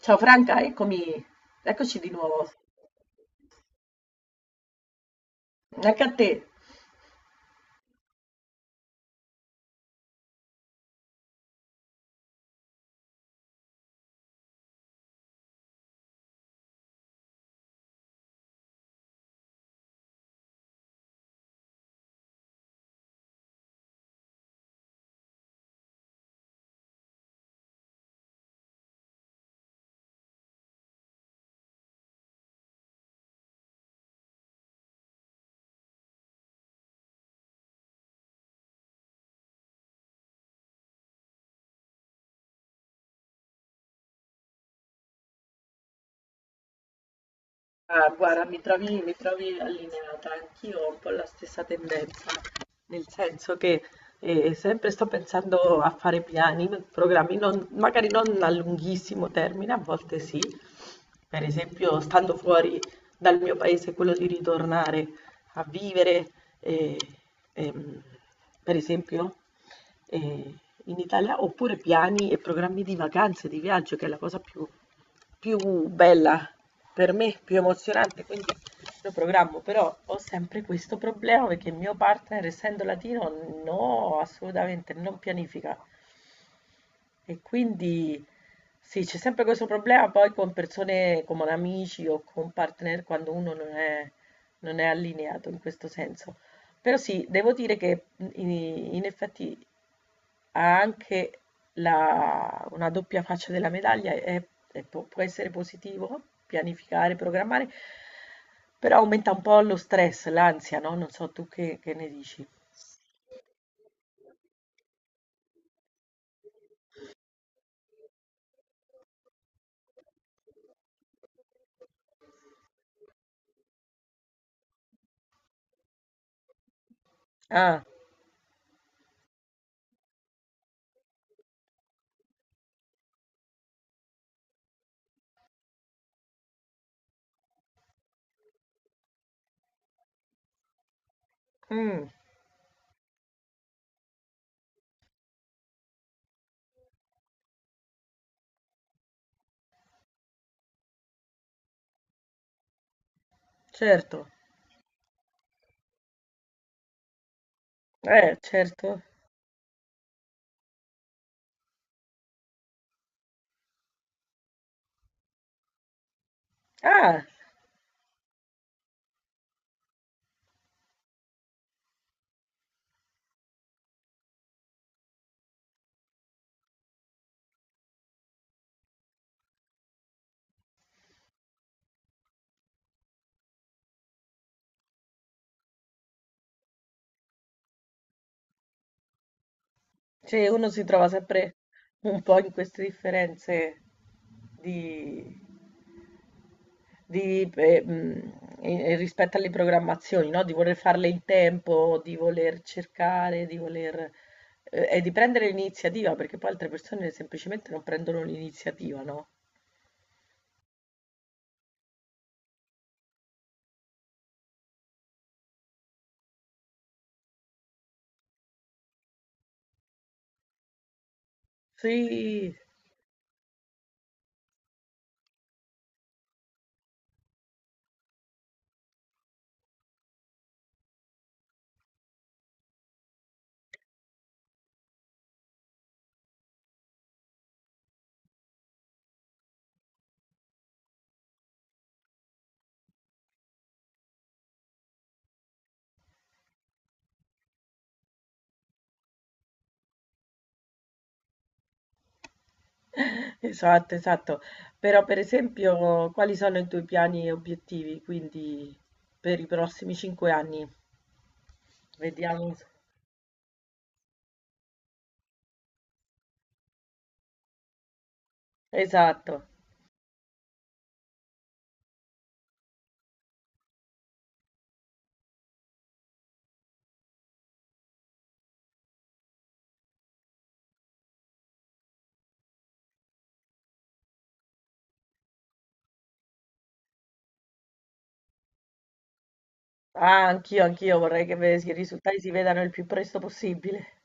Ciao Franca, eccomi, eccoci di nuovo. Anche a te. Ah, guarda, mi trovi allineata, anch'io ho un po' la stessa tendenza, nel senso che sempre sto pensando a fare piani, programmi, magari non a lunghissimo termine, a volte sì, per esempio stando fuori dal mio paese, quello di ritornare a vivere, eh, ehm, per esempio eh, in Italia, oppure piani e programmi di vacanze, di viaggio, che è la cosa più bella per me, più emozionante, quindi lo programmo, però ho sempre questo problema perché il mio partner, essendo latino, no, assolutamente non pianifica. E quindi sì, c'è sempre questo problema poi con persone come amici o con partner quando uno non è allineato in questo senso. Però sì, devo dire che in effetti ha anche una doppia faccia della medaglia, può essere positivo pianificare, programmare, però aumenta un po' lo stress, l'ansia, no? Non so tu che ne dici. Ah, mm, certo, certo. Ah, cioè uno si trova sempre un po' in queste differenze di, di, e rispetto alle programmazioni, no? Di voler farle in tempo, di voler cercare, di voler... e di prendere l'iniziativa, perché poi altre persone semplicemente non prendono l'iniziativa, no? Sì, esatto, esatto. Però per esempio, quali sono i tuoi piani e obiettivi, quindi per i prossimi 5 anni? Vediamo. Esatto. Ah, anch'io vorrei che i risultati si vedano il più presto possibile.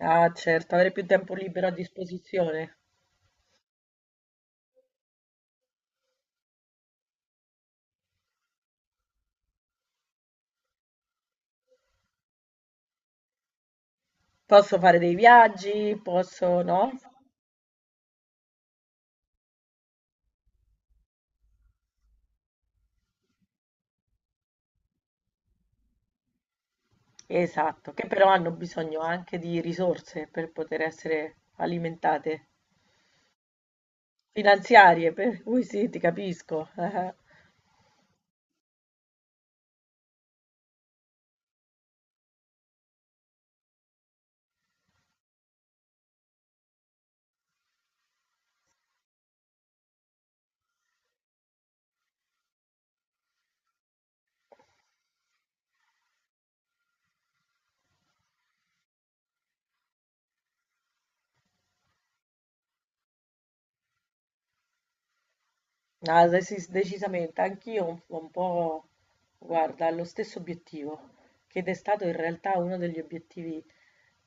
Ah, certo, avere più tempo libero a disposizione. Posso fare dei viaggi, posso, no? Esatto, che però hanno bisogno anche di risorse per poter essere alimentate, finanziarie, per cui sì, ti capisco. Ah, decisamente, anch'io un po', guarda, ho lo stesso obiettivo, che è stato in realtà uno degli obiettivi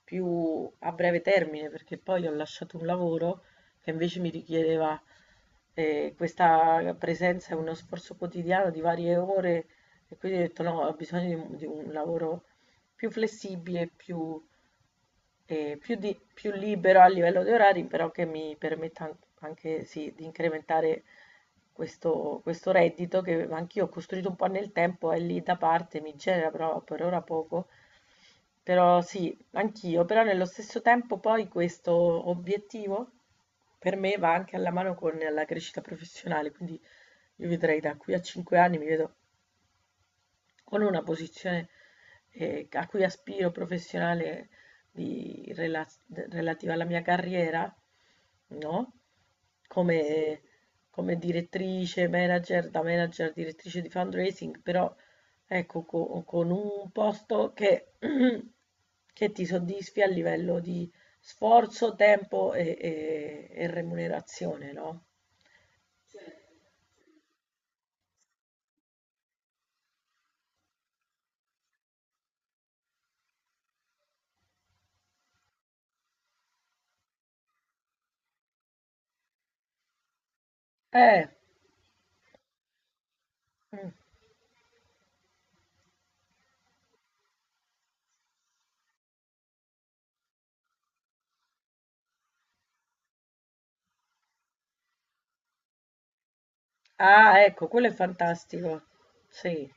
più a breve termine, perché poi ho lasciato un lavoro che invece mi richiedeva questa presenza e uno sforzo quotidiano di varie ore, e quindi ho detto no, ho bisogno di un lavoro più flessibile, più libero a livello di orari, però che mi permetta anche sì, di incrementare questo reddito che anch'io ho costruito un po' nel tempo, è lì da parte, mi genera però per ora poco. Però sì, anch'io, però nello stesso tempo poi questo obiettivo per me va anche alla mano con la crescita professionale, quindi io vedrei da qui a 5 anni mi vedo con una posizione a cui aspiro professionale di rela- relativa alla mia carriera, no? Come, come, direttrice, manager, da manager, direttrice di fundraising, però ecco, con un posto che, che ti soddisfi a livello di sforzo, tempo e remunerazione, no? Eh, mm. Ah, ecco, quello è fantastico. Sì.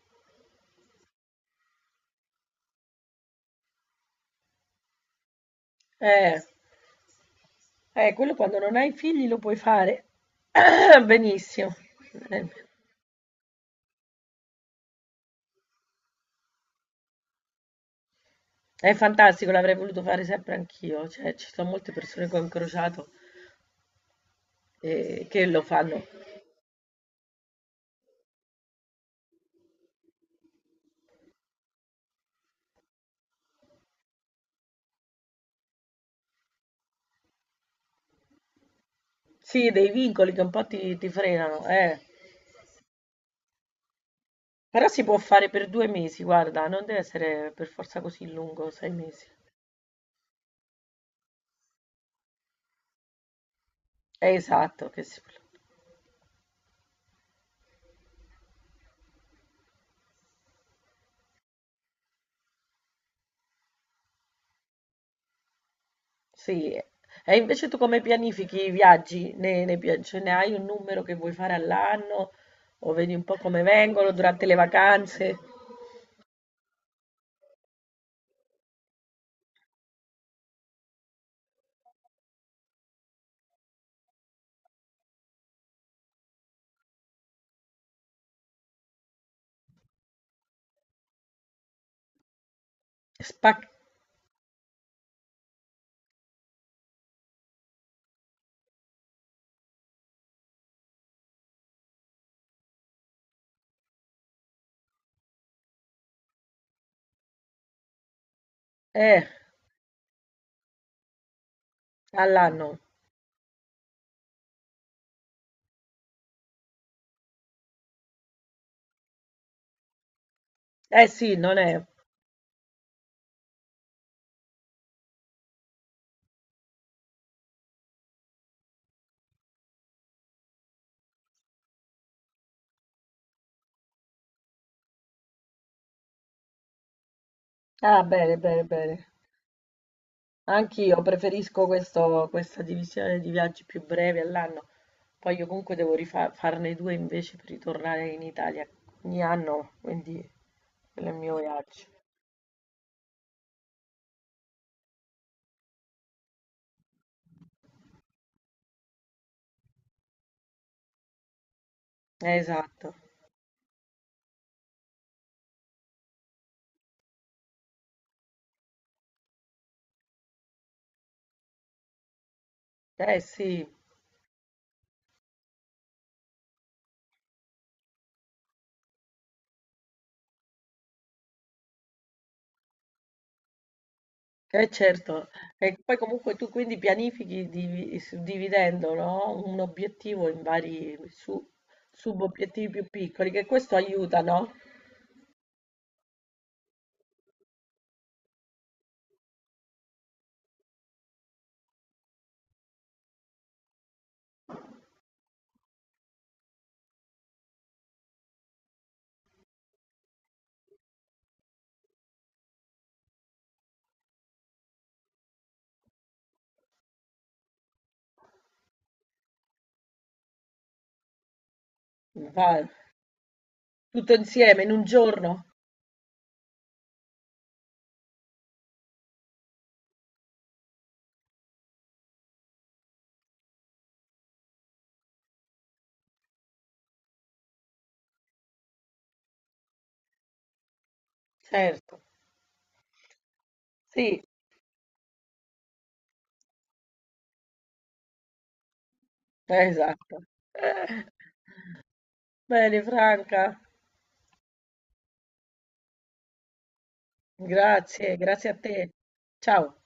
Eh, quello quando non hai figli lo puoi fare benissimo. Eh, È fantastico, l'avrei voluto fare sempre anch'io. Cioè, ci sono molte persone che ho incrociato che lo fanno. Sì, dei vincoli che un po' ti frenano, eh. Però si può fare per 2 mesi, guarda, non deve essere per forza così lungo, 6 mesi. È esatto, che si sì, e invece tu come pianifichi i viaggi? Ne cioè, ne hai un numero che vuoi fare all'anno? O vedi un po' come vengono durante le vacanze? Spac- eh, all'anno. Eh sì, non è. Ah, bene, bene, bene. Anch'io preferisco questa divisione di viaggi più brevi all'anno. Poi io comunque devo farne due invece per ritornare in Italia ogni anno, quindi quello è il mio viaggio. Esatto. Eh sì. Eh certo, e poi comunque tu quindi pianifichi suddividendo, no? Un obiettivo in vari subobiettivi più piccoli, che questo aiuta, no? Va- Tutto insieme in un giorno. Certo, sì, esatto. Bene, Franca, grazie, grazie a te. Ciao.